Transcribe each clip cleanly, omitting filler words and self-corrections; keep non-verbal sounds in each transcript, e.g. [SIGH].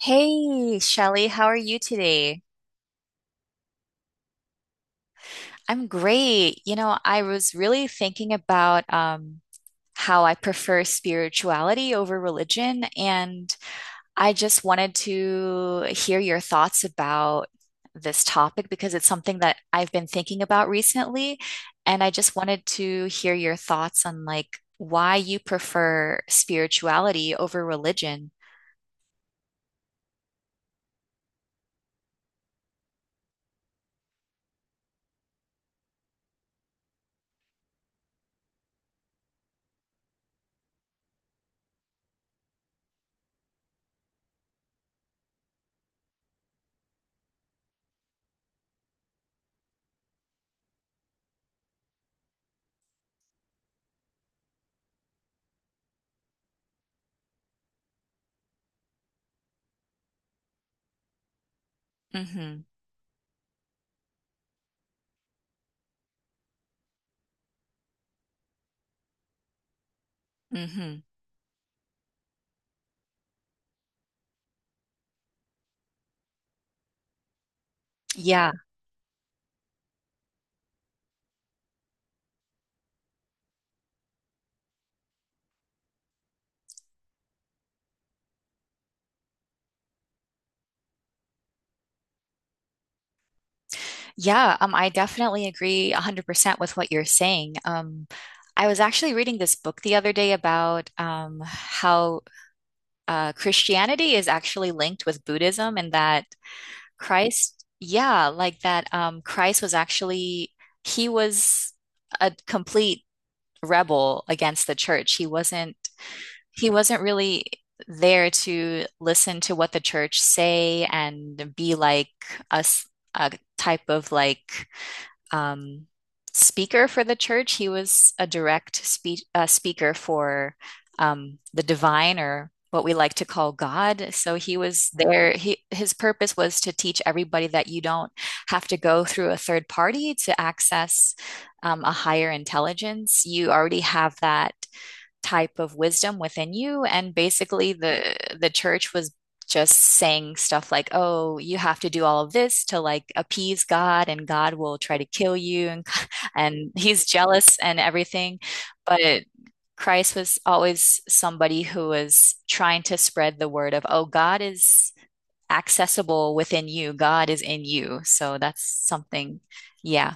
Hey, Shelly, how are you today? I'm great. I was really thinking about how I prefer spirituality over religion, and I just wanted to hear your thoughts about this topic because it's something that I've been thinking about recently, and I just wanted to hear your thoughts on like why you prefer spirituality over religion. Mm-hmm. Mm-hmm. Yeah, I definitely agree 100% with what you're saying. I was actually reading this book the other day about how Christianity is actually linked with Buddhism and that Christ, yeah, like that Christ was actually, he was a complete rebel against the church. He wasn't really there to listen to what the church say and be like us, a type of like, um, speaker for the church. He was a direct speaker for the divine or what we like to call God. So he was there. He, his purpose was to teach everybody that you don't have to go through a third party to access a higher intelligence. You already have that type of wisdom within you, and basically the church was just saying stuff like, oh, you have to do all of this to like appease God, and God will try to kill you [LAUGHS] and he's jealous and everything, but Christ was always somebody who was trying to spread the word of, oh, God is accessible within you, God is in you, so that's something, yeah,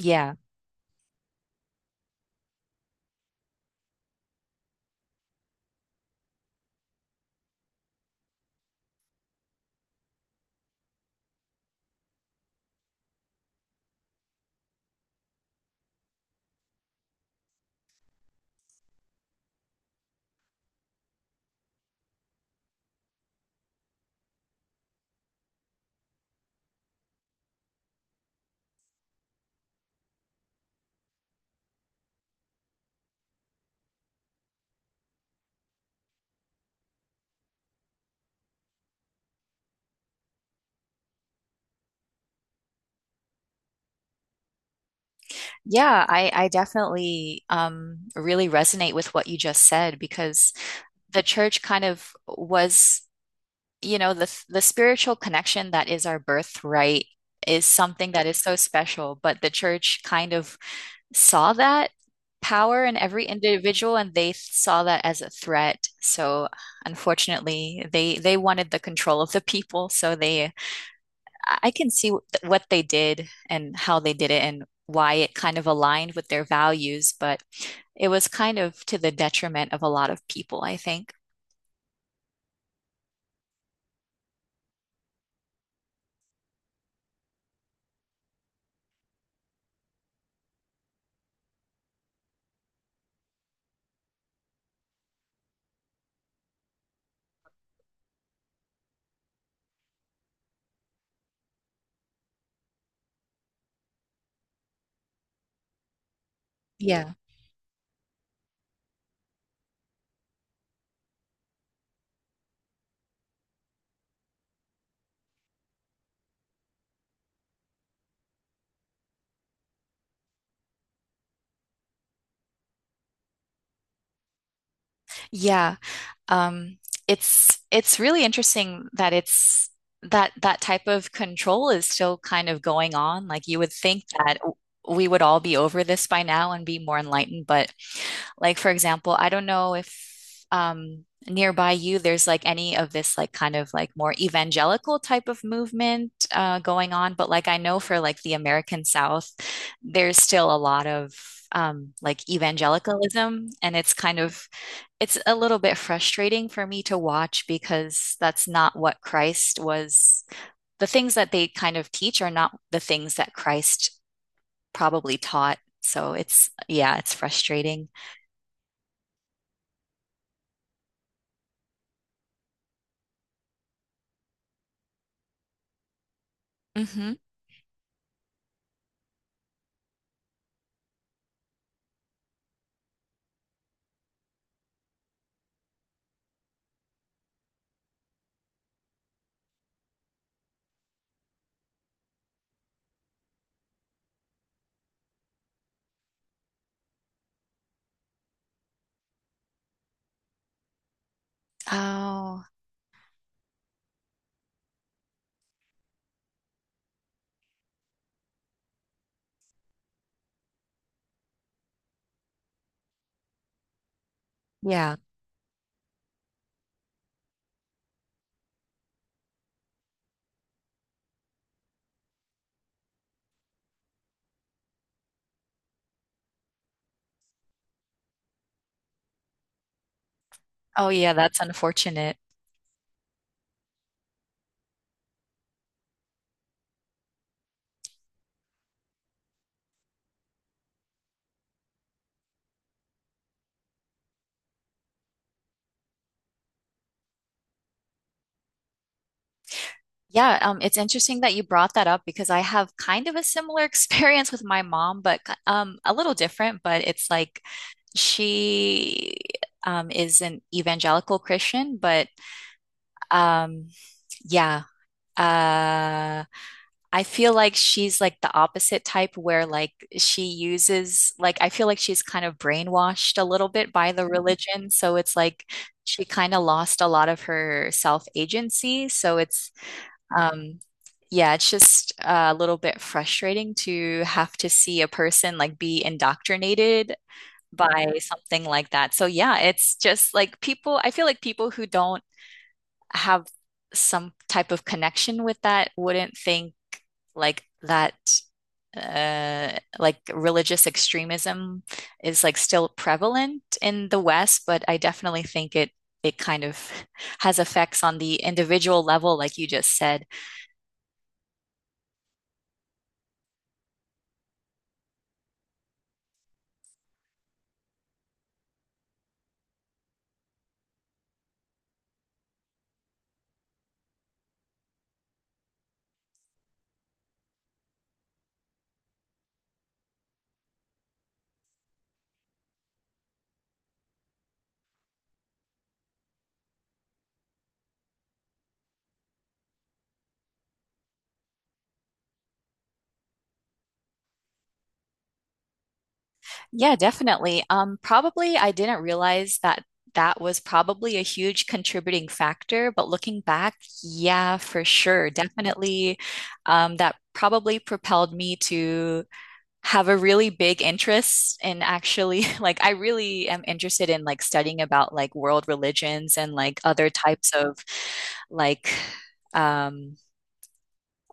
yeah. Yeah, I definitely really resonate with what you just said because the church kind of was, the spiritual connection that is our birthright is something that is so special, but the church kind of saw that power in every individual and they saw that as a threat. So unfortunately, they wanted the control of the people, so they, I can see what they did and how they did it and why it kind of aligned with their values, but it was kind of to the detriment of a lot of people, I think. Yeah. Yeah. Um, it's really interesting that it's that that type of control is still kind of going on. Like, you would think that we would all be over this by now and be more enlightened, but like for example, I don't know if nearby you there's like any of this like kind of like more evangelical type of movement going on, but like I know for like the American South, there's still a lot of like evangelicalism and it's kind of, it's a little bit frustrating for me to watch because that's not what Christ was. The things that they kind of teach are not the things that Christ probably taught. So it's, yeah, it's frustrating. Hmm. Oh, yeah. Oh, yeah, that's unfortunate. Yeah, it's interesting that you brought that up because I have kind of a similar [LAUGHS] experience with my mom, but a little different. But it's like she is an evangelical Christian, but um, yeah. Uh, I feel like she's like the opposite type where like she uses, like I feel like she's kind of brainwashed a little bit by the religion, so it's like she kind of lost a lot of her self-agency, so it's um, yeah, it's just a little bit frustrating to have to see a person like be indoctrinated by something like that. So yeah, it's just like, people, I feel like people who don't have some type of connection with that wouldn't think like that, uh, like religious extremism is like still prevalent in the West, but I definitely think it kind of has effects on the individual level, like you just said. Yeah, definitely. Probably I didn't realize that that was probably a huge contributing factor, but looking back, yeah, for sure, definitely, that probably propelled me to have a really big interest in actually [LAUGHS] like I really am interested in like studying about like world religions and like other types of like um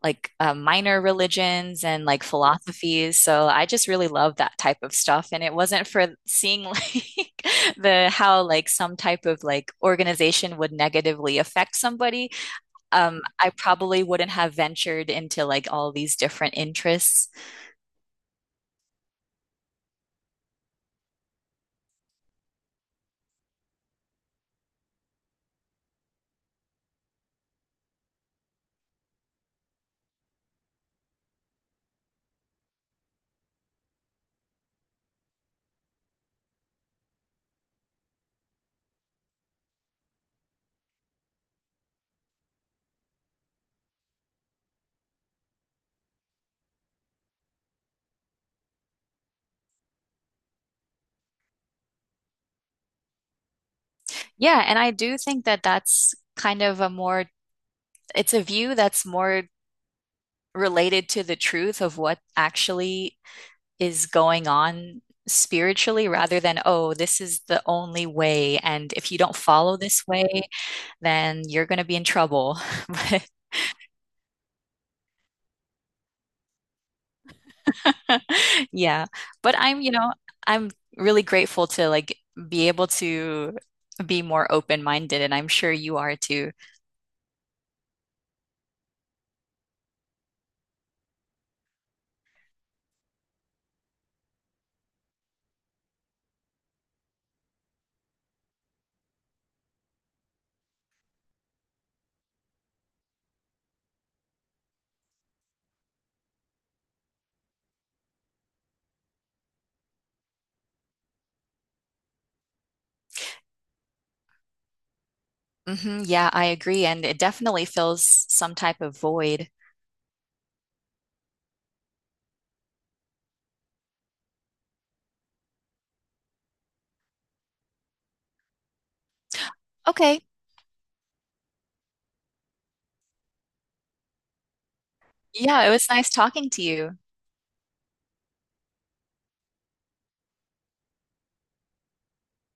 like minor religions and like philosophies. So I just really love that type of stuff. And it wasn't for seeing like [LAUGHS] the, how like some type of like organization would negatively affect somebody. I probably wouldn't have ventured into like all these different interests. Yeah, and I do think that that's kind of a more, it's a view that's more related to the truth of what actually is going on spiritually, rather than, oh, this is the only way. And if you don't follow this way, then you're going to be in trouble. [LAUGHS] But [LAUGHS] yeah, but I'm, I'm really grateful to like be able to be more open-minded, and I'm sure you are too. Hmm, yeah, I agree. And it definitely fills some type of void. Okay. Yeah, it was nice talking to you.